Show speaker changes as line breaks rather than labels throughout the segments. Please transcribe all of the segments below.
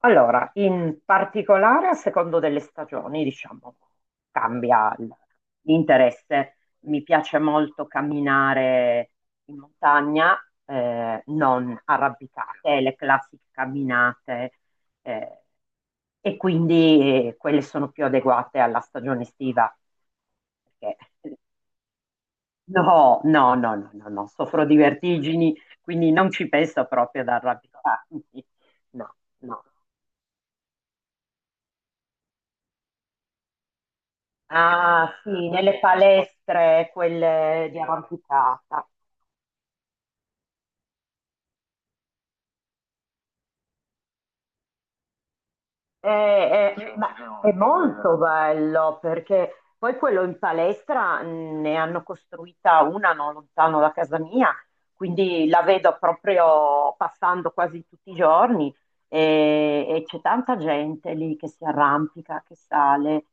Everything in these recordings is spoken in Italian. Allora, in particolare a secondo delle stagioni, diciamo, cambia l'interesse. Mi piace molto camminare in montagna, non arrampicate, le classiche camminate, eh, e quindi quelle sono più adeguate alla stagione estiva. Perché... No, no, no, no, no, no, soffro di vertigini, quindi non ci penso proprio ad arrampicarmi. No, no. Ah, sì, nelle palestre, quelle di arrampicata. Ma è molto bello perché poi quello in palestra ne hanno costruita una non lontano da casa mia, quindi la vedo proprio passando quasi tutti i giorni e, c'è tanta gente lì che si arrampica, che sale.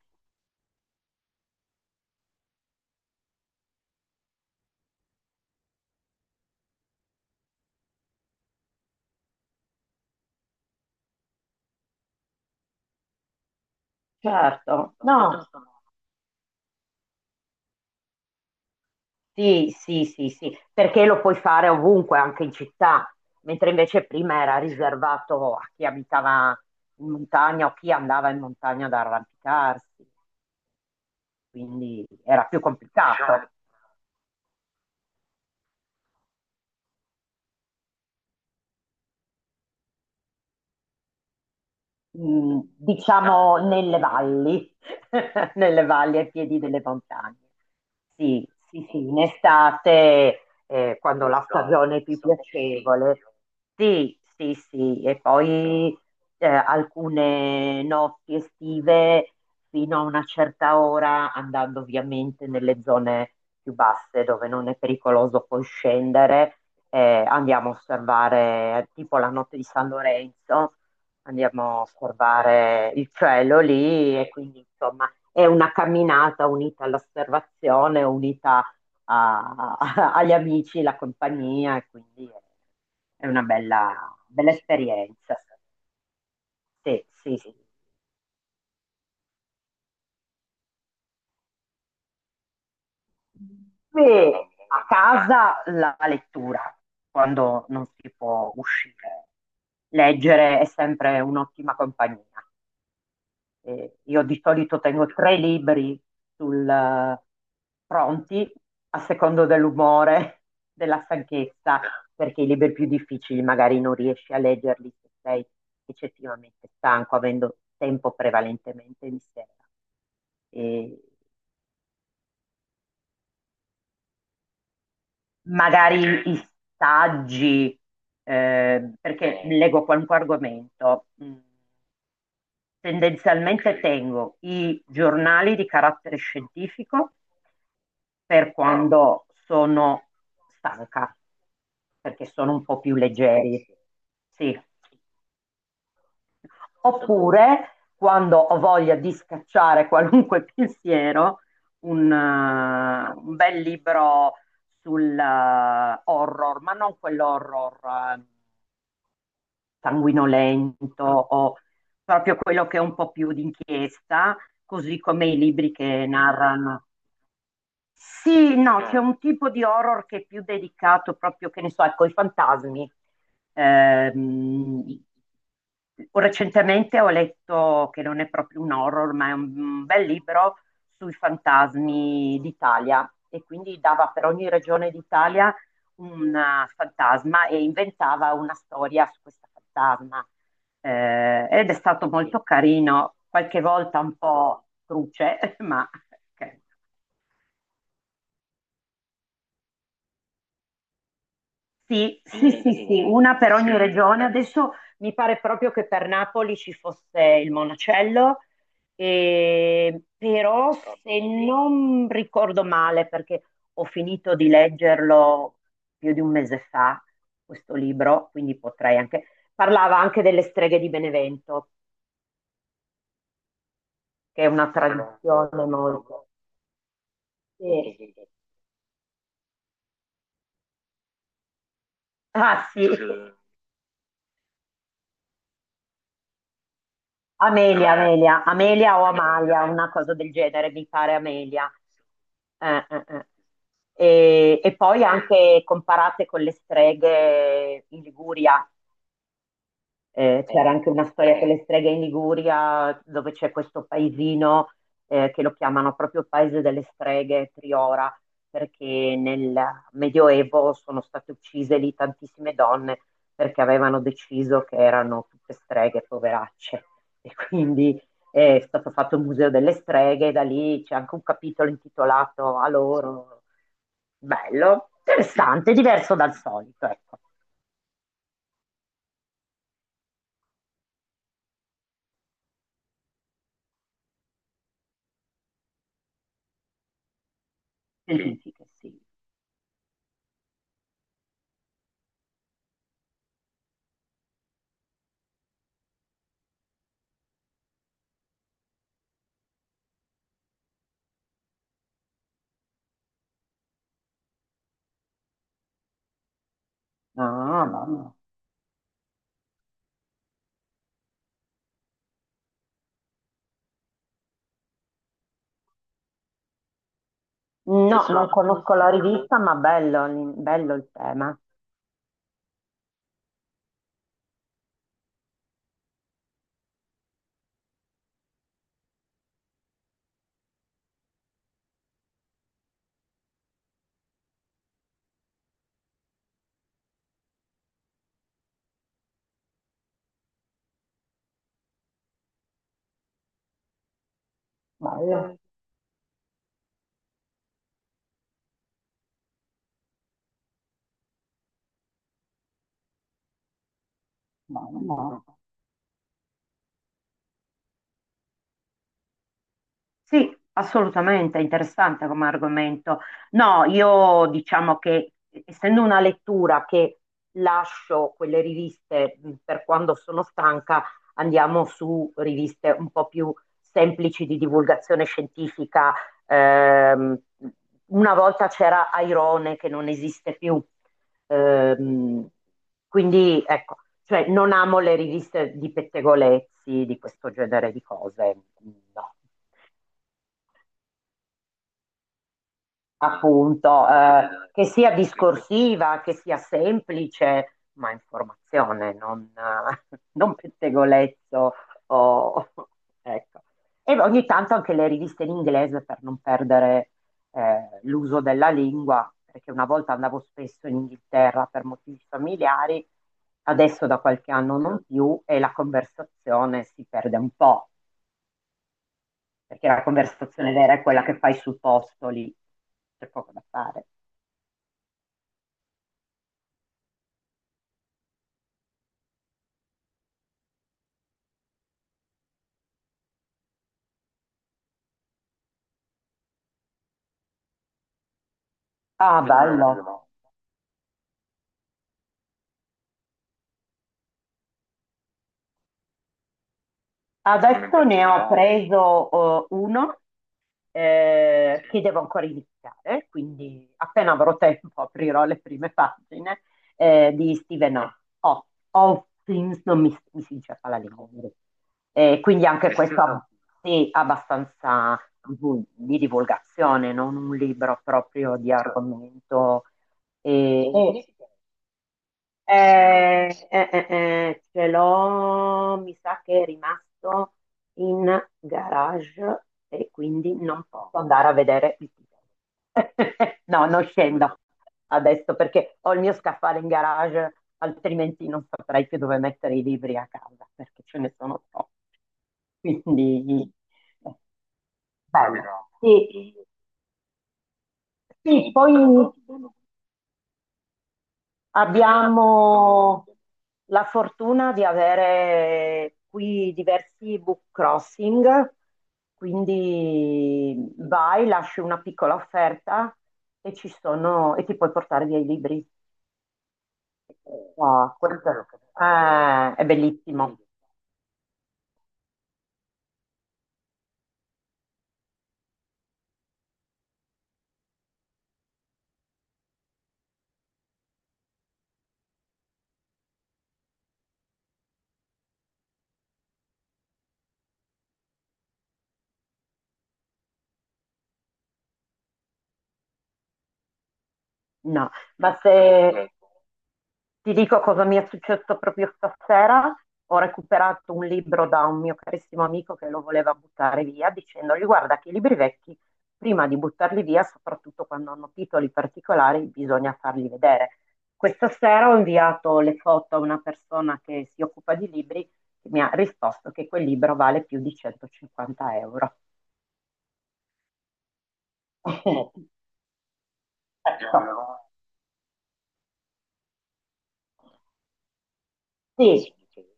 Certo, no. Sì, sì, sì, sì, perché lo puoi fare ovunque, anche in città, mentre invece prima era riservato a chi abitava in montagna o chi andava in montagna ad arrampicarsi, quindi era più complicato. Diciamo nelle valli, nelle valli ai piedi delle montagne. Sì, sì, sì, in estate, quando la stagione è più piacevole. Sì, sì, sì, e poi alcune notti estive fino a una certa ora, andando ovviamente nelle zone più basse dove non è pericoloso poi scendere, andiamo a osservare tipo la notte di San Lorenzo, andiamo a osservare il cielo lì e quindi insomma è una camminata unita all'osservazione, unita agli amici, la compagnia e quindi è una bella, bella esperienza. Sì, sì, sì. E a casa la lettura, quando non si può uscire. Leggere è sempre un'ottima compagnia. Io di solito tengo tre libri sul, pronti a secondo dell'umore, della stanchezza, perché i libri più difficili magari non riesci a leggerli se sei eccessivamente stanco, avendo tempo prevalentemente di sera. E magari i saggi, perché leggo qualunque argomento. Tendenzialmente tengo i giornali di carattere scientifico per quando sono stanca, perché sono un po' più leggeri, sì. Oppure quando ho voglia di scacciare qualunque pensiero, un bel libro sul horror, ma non quell'horror sanguinolento o proprio quello che è un po' più d'inchiesta, così come i libri che narrano. Sì, no, c'è un tipo di horror che è più dedicato proprio, che ne so, ecco, ai fantasmi. Ehm, Recentemente ho letto, che non è proprio un horror, ma è un bel libro sui fantasmi d'Italia e quindi dava per ogni regione d'Italia un fantasma e inventava una storia su questo fantasma. Ed è stato molto carino, qualche volta un po' truce, ma... ok. Sì, sì, sì, sì, una per ogni regione. Adesso mi pare proprio che per Napoli ci fosse il Monacello, però se non ricordo male, perché ho finito di leggerlo più di un mese fa, questo libro, quindi potrei anche... Parlava anche delle streghe di Benevento, che è una tradizione molto... Sì. Ah sì, Amelia, Amelia, Amelia o Amalia, una cosa del genere, mi pare Amelia. Eh. E poi anche comparate con le streghe in Liguria, c'era anche una storia con le streghe in Liguria, dove c'è questo paesino che lo chiamano proprio Paese delle Streghe, Priora, perché nel Medioevo sono state uccise lì tantissime donne perché avevano deciso che erano tutte streghe, poveracce. E quindi è stato fatto il Museo delle Streghe, da lì c'è anche un capitolo intitolato a loro. Bello, interessante, diverso dal solito, ecco. Mm. Verifiche, sì. No, no, no. Che no, non esatto. Conosco la rivista, ma bello, bello il tema. Bello, bello, no? Sì, assolutamente è interessante come argomento. No, io diciamo che essendo una lettura che lascio quelle riviste per quando sono stanca, andiamo su riviste un po' più semplici di divulgazione scientifica. Ehm, una volta c'era Airone che non esiste più. Ehm, quindi ecco, cioè non amo le riviste di pettegolezzi, di questo genere di cose. No. Appunto, che sia discorsiva, che sia semplice, ma informazione, non, non pettegolezzo. o- ecco. E ogni tanto anche le riviste in inglese per non perdere l'uso della lingua, perché una volta andavo spesso in Inghilterra per motivi familiari, adesso da qualche anno non più e la conversazione si perde un po', perché la conversazione vera è quella che fai sul posto lì, c'è poco da fare. Ah, bello. Adesso ne ho preso uno che devo ancora iniziare, quindi appena avrò tempo aprirò le prime pagine di Stephen Hawking, non mi, mi si dice fa la lingua inglese. Quindi anche questo sì, abbastanza di divulgazione, non un libro proprio di Hawking. Argomento. E, e- ce l'ho, mi sa che è rimasto in garage e quindi non posso andare a vedere il titolo. No, non scendo adesso perché ho il mio scaffale in garage, altrimenti non saprei più dove mettere i libri a casa perché ce ne sono troppi. Quindi, eh, bello. Capito. Sì, sì, poi abbiamo la fortuna di avere qui diversi book crossing, quindi vai, lasci una piccola offerta e ci sono, e ti puoi portare via i libri. Ah, questo è bellissimo. No, ma se ecco, ti dico cosa mi è successo proprio stasera, ho recuperato un libro da un mio carissimo amico che lo voleva buttare via, dicendogli guarda che i libri vecchi, prima di buttarli via, soprattutto quando hanno titoli particolari, bisogna farli vedere. Questa sera ho inviato le foto a una persona che si occupa di libri che mi ha risposto che quel libro vale più di 150 euro. No, sì, assolutamente.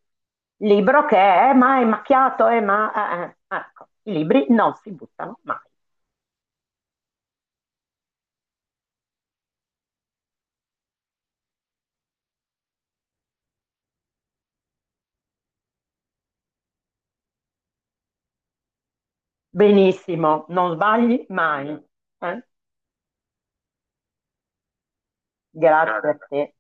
Libro che è, ma è macchiato, è, ma... eh." Ecco, i libri non si buttano mai. Benissimo, non sbagli mai. Eh? Grazie a te.